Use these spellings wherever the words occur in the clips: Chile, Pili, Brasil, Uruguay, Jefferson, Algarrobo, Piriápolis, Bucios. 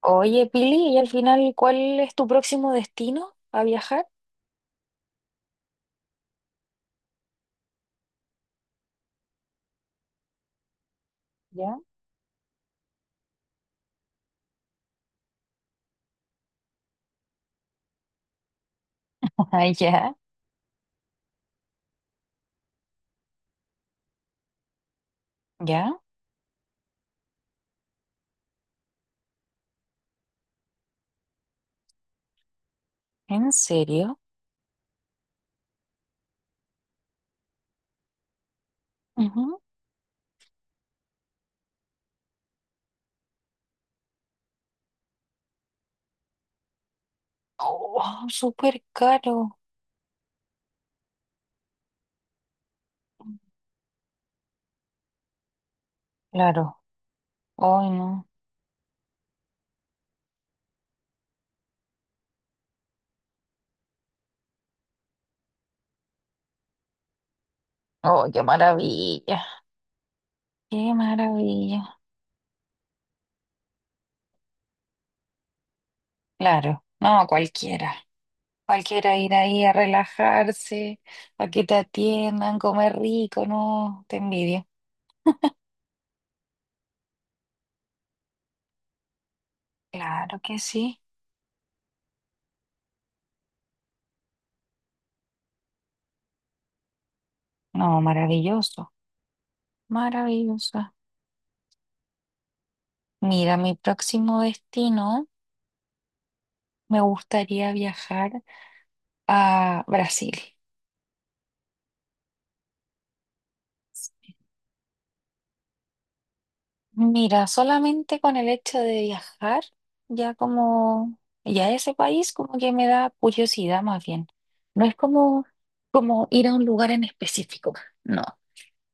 Oye, Pili, y al final, ¿cuál es tu próximo destino a viajar? ¿Ya? Ah, ya, ya, ¿en serio? Ujú. Oh, súper caro. Claro, ¡ay, no! Oh, qué maravilla, qué maravilla. Claro, no, cualquiera. Cualquiera ir ahí a relajarse, a que te atiendan, comer rico, no, te envidio. Claro que sí. No, maravilloso, maravillosa. Mira, mi próximo destino. Me gustaría viajar a Brasil. Mira, solamente con el hecho de viajar, ya como, ya ese país como que me da curiosidad más bien. No es como, como ir a un lugar en específico, no.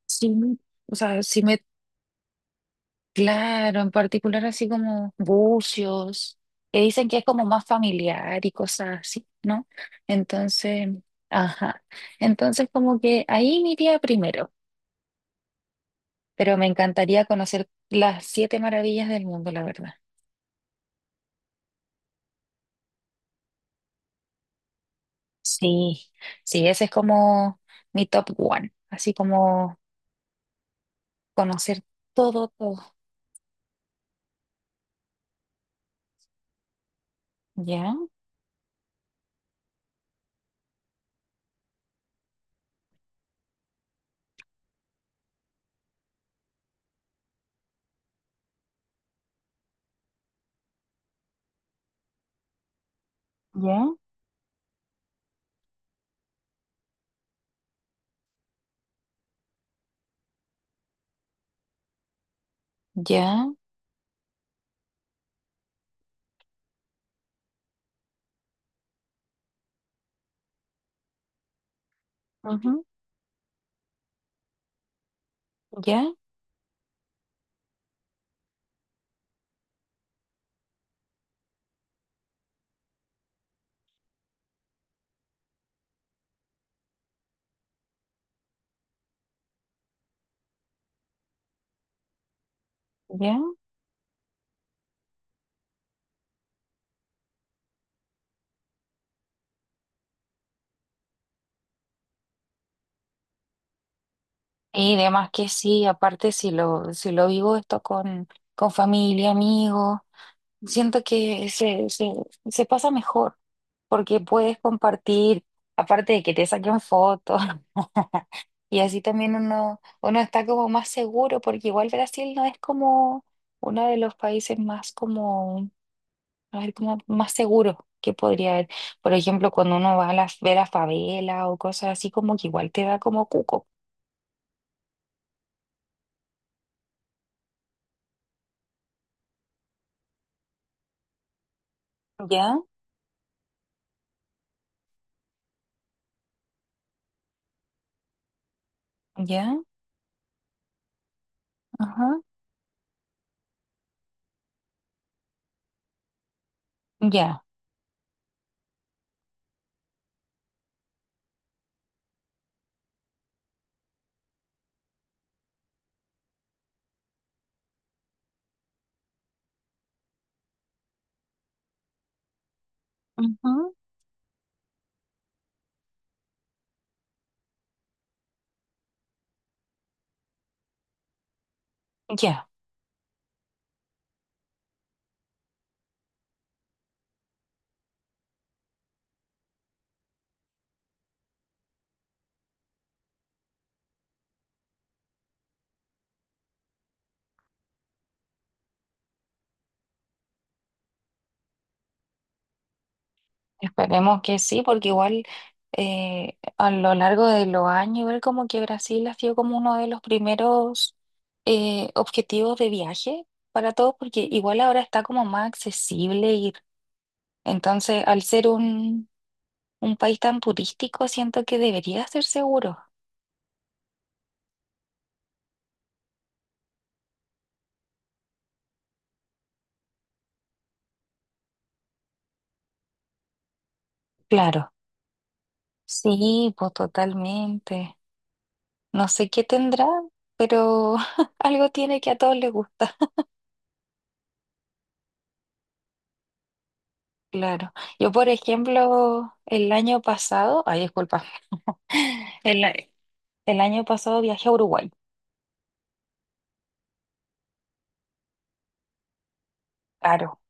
Sí, o sea, sí me, claro, en particular así como Bucios, que dicen que es como más familiar y cosas así, ¿no? Entonces, ajá. Entonces como que ahí me iría primero. Pero me encantaría conocer las siete maravillas del mundo, la verdad. Sí, sí, ese es como mi top one, así como conocer todo, todo. Ya, ya, ya, ujú, ya, ya. Y demás que sí, aparte si lo vivo esto con familia, amigos, siento que se, se pasa mejor porque puedes compartir, aparte de que te saquen fotos. Y así también uno está como más seguro, porque igual Brasil no es como uno de los países más como, a ver, como más seguros que podría haber. Por ejemplo, cuando uno va a ver a favela o cosas así, como que igual te da como cuco. Ya, ya, ajá, ya, ujú, ya. Esperemos que sí, porque igual a lo largo de los años, igual como que Brasil ha sido como uno de los primeros objetivos de viaje para todos, porque igual ahora está como más accesible ir. Entonces, al ser un país tan turístico, siento que debería ser seguro. Claro, sí, pues totalmente. No sé qué tendrá, pero algo tiene que a todos les gusta. Claro. Yo, por ejemplo, el año pasado, ay, disculpa. El, el año pasado viajé a Uruguay, caro.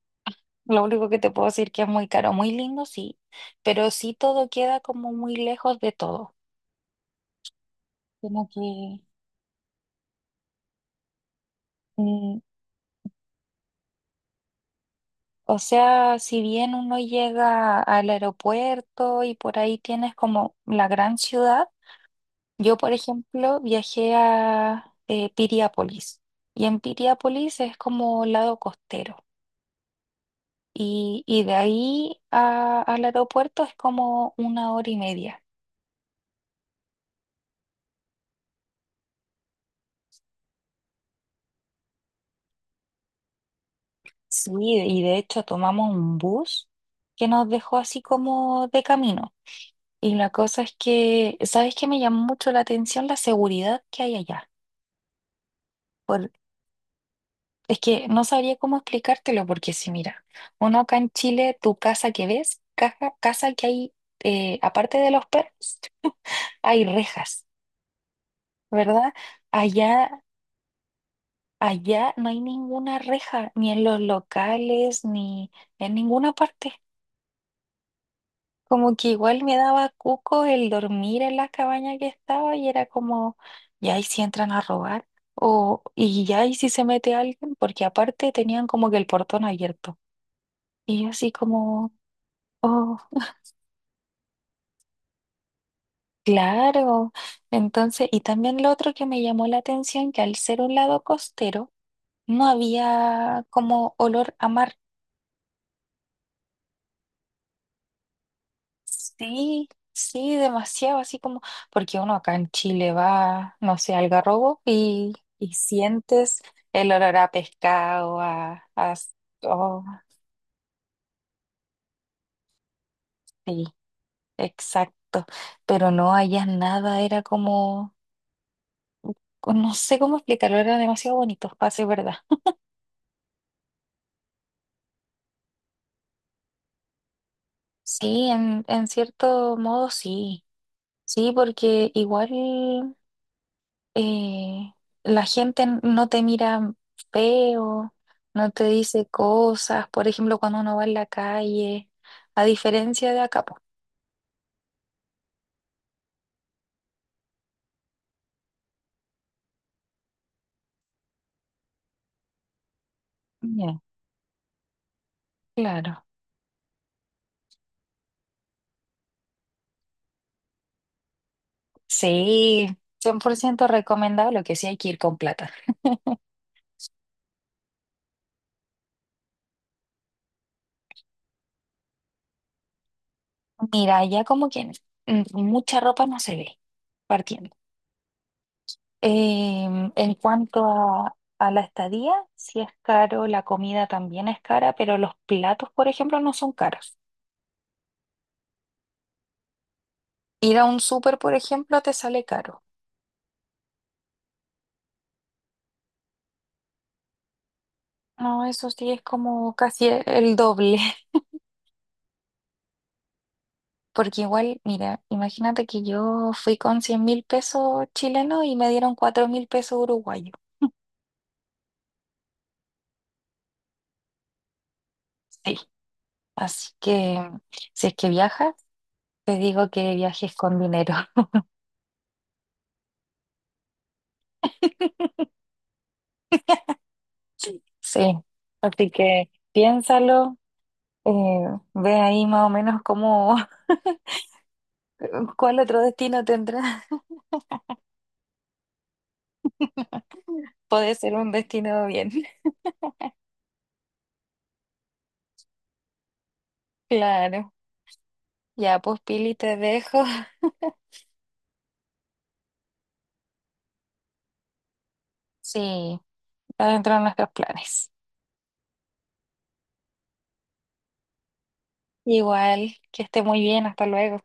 Lo único que te puedo decir que es muy caro, muy lindo, sí, pero sí todo queda como muy lejos de todo. Como que, mm, o sea, si bien uno llega al aeropuerto y por ahí tienes como la gran ciudad, yo, por ejemplo, viajé a Piriápolis y en Piriápolis es como lado costero y de ahí al aeropuerto es como una hora y media. Sí, y de hecho tomamos un bus que nos dejó así como de camino. Y la cosa es que, ¿sabes qué me llamó mucho la atención? La seguridad que hay allá. Por- es que no sabría cómo explicártelo, porque si mira, uno acá en Chile, tu casa que ves, caja, casa que hay, aparte de los perros, hay rejas, ¿verdad? Allá, allá no hay ninguna reja, ni en los locales, ni en ninguna parte. Como que igual me daba cuco el dormir en la cabaña que estaba y era como, ya y si entran a robar, o y ya y si se mete alguien, porque aparte tenían como que el portón abierto. Y yo así como, oh, claro. Entonces, y también lo otro que me llamó la atención, que al ser un lado costero, no había como olor a mar. Sí, sí, demasiado, así como, porque uno acá en Chile va, no sé, al Algarrobo y sientes el olor a pescado, oh, sí, exacto, pero no allá nada, era como, pues, no sé cómo explicarlo, era demasiado bonito, para ser verdad. Sí, en cierto modo sí, sí, porque igual. eh, la gente no te mira feo, no te dice cosas, por ejemplo, cuando uno va en la calle, a diferencia de acá, po. Ya, claro. Sí, 100% recomendable, que sí hay que ir con plata. Mira, ya como que mucha ropa no se ve, partiendo. En cuanto a la estadía, sí es caro, la comida también es cara, pero los platos, por ejemplo, no son caros. Ir a un súper, por ejemplo, te sale caro. No, eso sí es como casi el doble, porque igual, mira, imagínate que yo fui con 100.000 pesos chilenos y me dieron 4.000 pesos uruguayos. Sí, así que si es que viajas, te digo que viajes con dinero. Sí. Sí, así que piénsalo, eh, ve ahí más o menos cómo, cuál otro destino tendrás. Puede ser un destino bien, claro. Ya, pues Pili, te dejo. Sí, está dentro de nuestros planes. Igual, que esté muy bien, hasta luego.